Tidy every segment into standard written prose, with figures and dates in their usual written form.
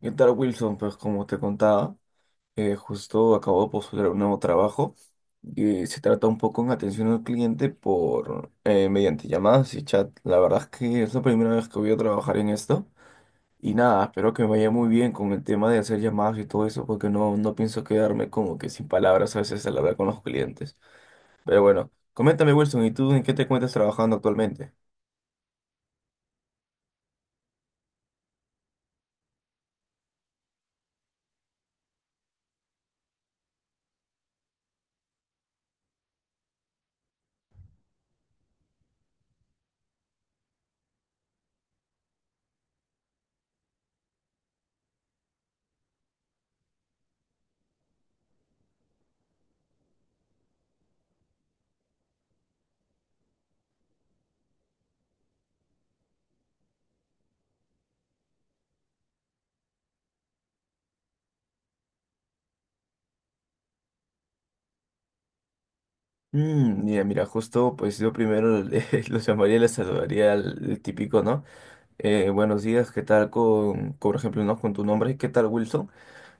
¿Qué tal, Wilson? Pues como te contaba, justo acabo de postular un nuevo trabajo que se trata un poco en atención al cliente por mediante llamadas y chat. La verdad es que es la primera vez que voy a trabajar en esto y nada, espero que me vaya muy bien con el tema de hacer llamadas y todo eso porque no, no pienso quedarme como que sin palabras a veces al hablar con los clientes. Pero bueno, coméntame, Wilson, ¿y tú en qué te encuentras trabajando actualmente? Mm, mira, justo pues yo primero los llamaría, les saludaría al el típico, ¿no? Buenos días, ¿qué tal con, por ejemplo, no, con tu nombre? ¿Qué tal, Wilson?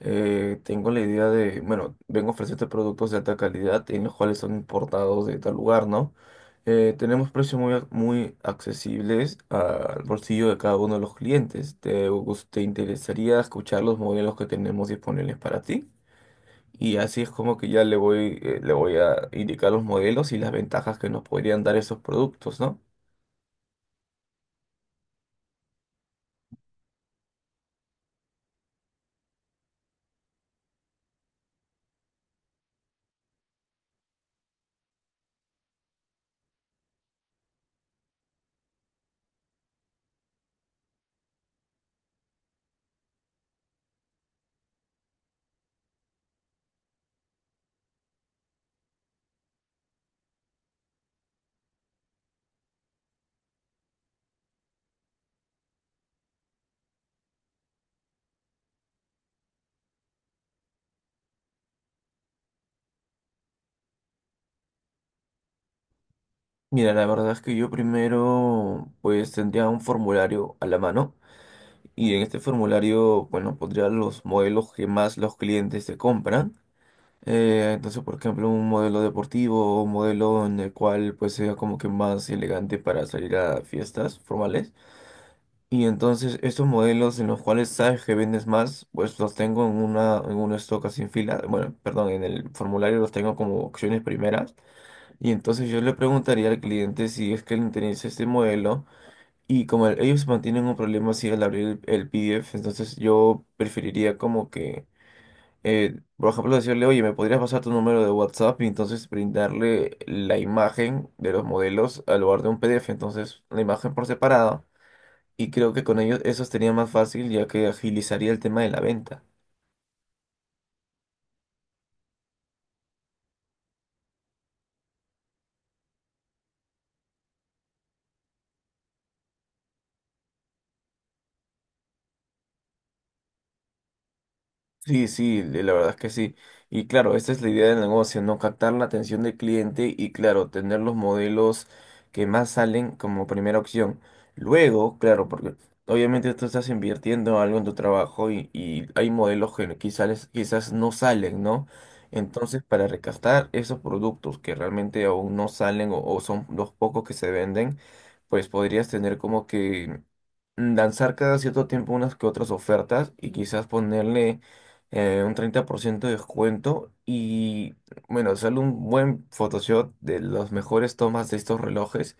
Tengo la idea de, bueno, vengo a ofrecerte productos de alta calidad en los cuales son importados de tal lugar, ¿no? Tenemos precios muy, muy accesibles al bolsillo de cada uno de los clientes. ¿Te, te interesaría escuchar los modelos que tenemos disponibles para ti? Y así es como que ya le voy a indicar los modelos y las ventajas que nos podrían dar esos productos, ¿no? Mira, la verdad es que yo primero pues tendría un formulario a la mano y en este formulario, bueno, pondría los modelos que más los clientes te compran. Entonces, por ejemplo, un modelo deportivo o un modelo en el cual pues sea como que más elegante para salir a fiestas formales. Y entonces estos modelos en los cuales sabes que vendes más, pues los tengo en una, en un stock así en fila. Bueno, perdón, en el formulario los tengo como opciones primeras. Y entonces yo le preguntaría al cliente si es que le interesa este modelo. Y como ellos mantienen un problema así al abrir el PDF, entonces yo preferiría como que, por ejemplo, decirle, oye, ¿me podrías pasar tu número de WhatsApp? Y entonces brindarle la imagen de los modelos al lugar de un PDF. Entonces, la imagen por separado. Y creo que con ellos eso sería más fácil ya que agilizaría el tema de la venta. Sí, sí, la verdad es que sí. Y claro, esta es la idea del negocio, ¿no? Captar la atención del cliente y claro, tener los modelos que más salen como primera opción. Luego, claro, porque obviamente tú estás invirtiendo algo en tu trabajo y hay modelos que quizás, quizás no salen, ¿no? Entonces, para recastar esos productos que realmente aún no salen o son los pocos que se venden, pues podrías tener como que lanzar cada cierto tiempo unas que otras ofertas y quizás ponerle un 30% de descuento y bueno, sale un buen Photoshop de las mejores tomas de estos relojes.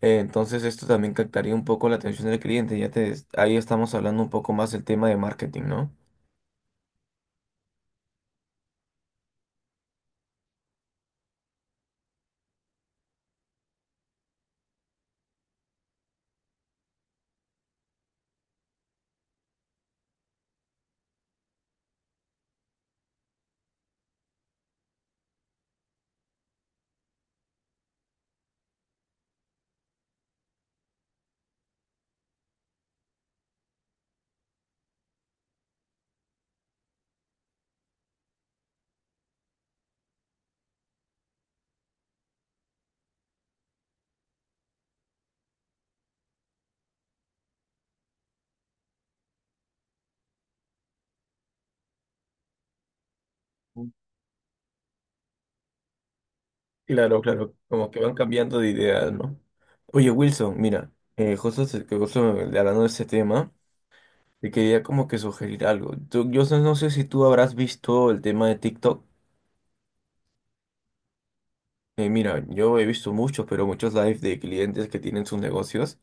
Entonces esto también captaría un poco la atención del cliente. Ya te, ahí estamos hablando un poco más del tema de marketing, ¿no? Claro, claro, como que van cambiando de ideas, ¿no? Oye, Wilson, mira, justo, que justo hablando de ese tema. Te quería como que sugerir algo. Yo no sé si tú habrás visto el tema de TikTok. Mira, yo he visto muchos, pero muchos live de clientes que tienen sus negocios.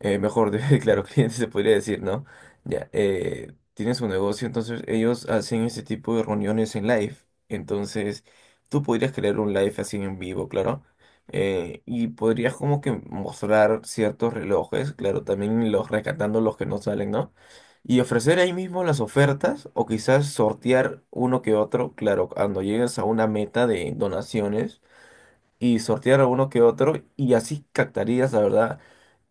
Mejor, claro, cliente se podría decir, ¿no? Ya, tiene su negocio, entonces ellos hacen este tipo de reuniones en live. Entonces, tú podrías crear un live así en vivo, claro. Y podrías como que mostrar ciertos relojes, claro, también los rescatando los que no salen, ¿no? Y ofrecer ahí mismo las ofertas o quizás sortear uno que otro, claro, cuando llegues a una meta de donaciones y sortear a uno que otro y así captarías, la verdad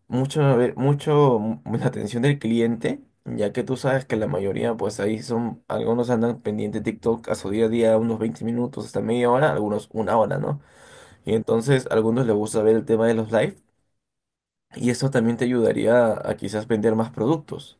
mucho, la atención del cliente, ya que tú sabes que la mayoría, pues ahí son, algunos andan pendiente de TikTok a su día a día, unos 20 minutos hasta media hora, algunos una hora, ¿no? Y entonces a algunos les gusta ver el tema de los live y eso también te ayudaría a, quizás vender más productos.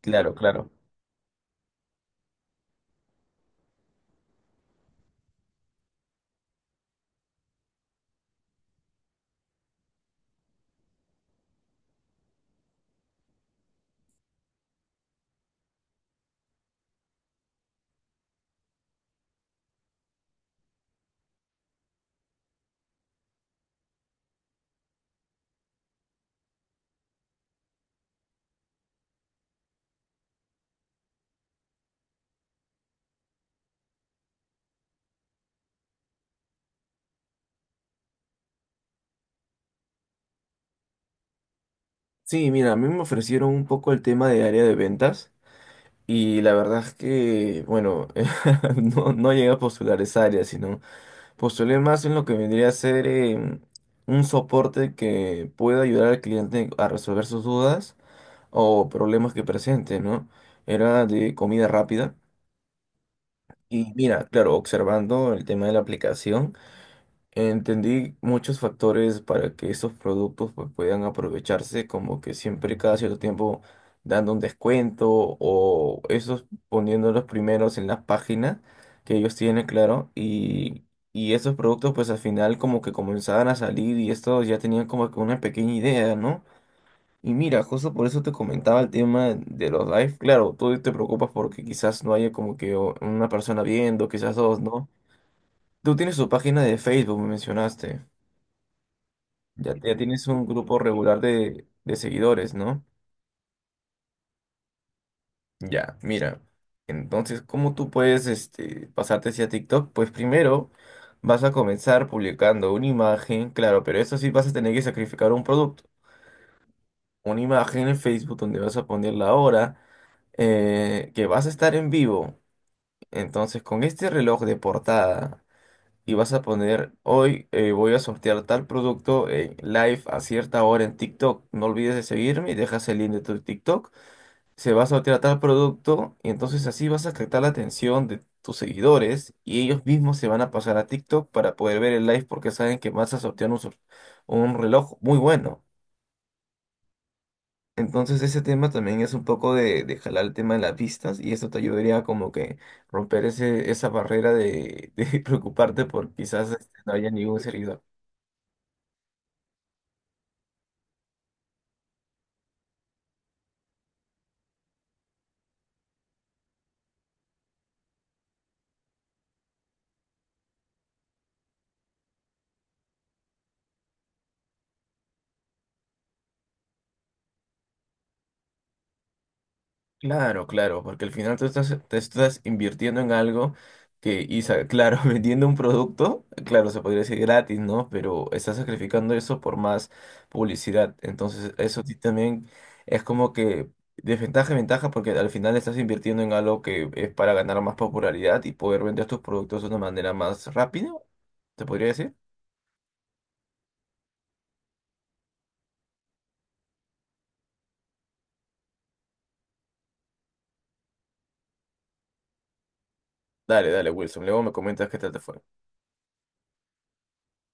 Claro, claro. Sí, mira, a mí me ofrecieron un poco el tema de área de ventas y la verdad es que, bueno, no, no llegué a postular esa área, sino... Postulé más en lo que vendría a ser un soporte que pueda ayudar al cliente a resolver sus dudas o problemas que presente, ¿no? Era de comida rápida. Y mira, claro, observando el tema de la aplicación. Entendí muchos factores para que estos productos pues, puedan aprovecharse, como que siempre cada cierto tiempo dando un descuento o esos poniéndolos primeros en las páginas que ellos tienen, claro, y esos productos pues al final como que comenzaban a salir y estos ya tenían como que una pequeña idea, ¿no? Y mira, justo por eso te comentaba el tema de los live, claro, tú te preocupas porque quizás no haya como que una persona viendo, quizás dos, ¿no? Tú tienes tu página de Facebook, me mencionaste. Ya, ya tienes un grupo regular de seguidores, ¿no? Ya, mira. Entonces, ¿cómo tú puedes este, pasarte hacia TikTok? Pues primero vas a comenzar publicando una imagen, claro, pero eso sí vas a tener que sacrificar un producto. Una imagen en Facebook donde vas a poner la hora que vas a estar en vivo. Entonces, con este reloj de portada y vas a poner, hoy voy a sortear tal producto en live a cierta hora en TikTok. No olvides de seguirme y dejas el link de tu TikTok. Se va a sortear tal producto y entonces así vas a captar la atención de tus seguidores y ellos mismos se van a pasar a TikTok para poder ver el live porque saben que vas a sortear un, un reloj muy bueno. Entonces ese tema también es un poco de jalar el tema de las vistas y eso te ayudaría como que romper ese, esa barrera de preocuparte por quizás este, no haya ningún seguidor. Claro, claro, porque al final tú estás, te estás invirtiendo en algo que, y, claro, vendiendo un producto, claro, se podría decir gratis, ¿no? Pero estás sacrificando eso por más publicidad. Entonces, eso sí también es como que desventaja y ventaja porque al final estás invirtiendo en algo que es para ganar más popularidad y poder vender tus productos de una manera más rápida, ¿te podría decir? Dale, dale, Wilson, luego me comentas qué tal te fue.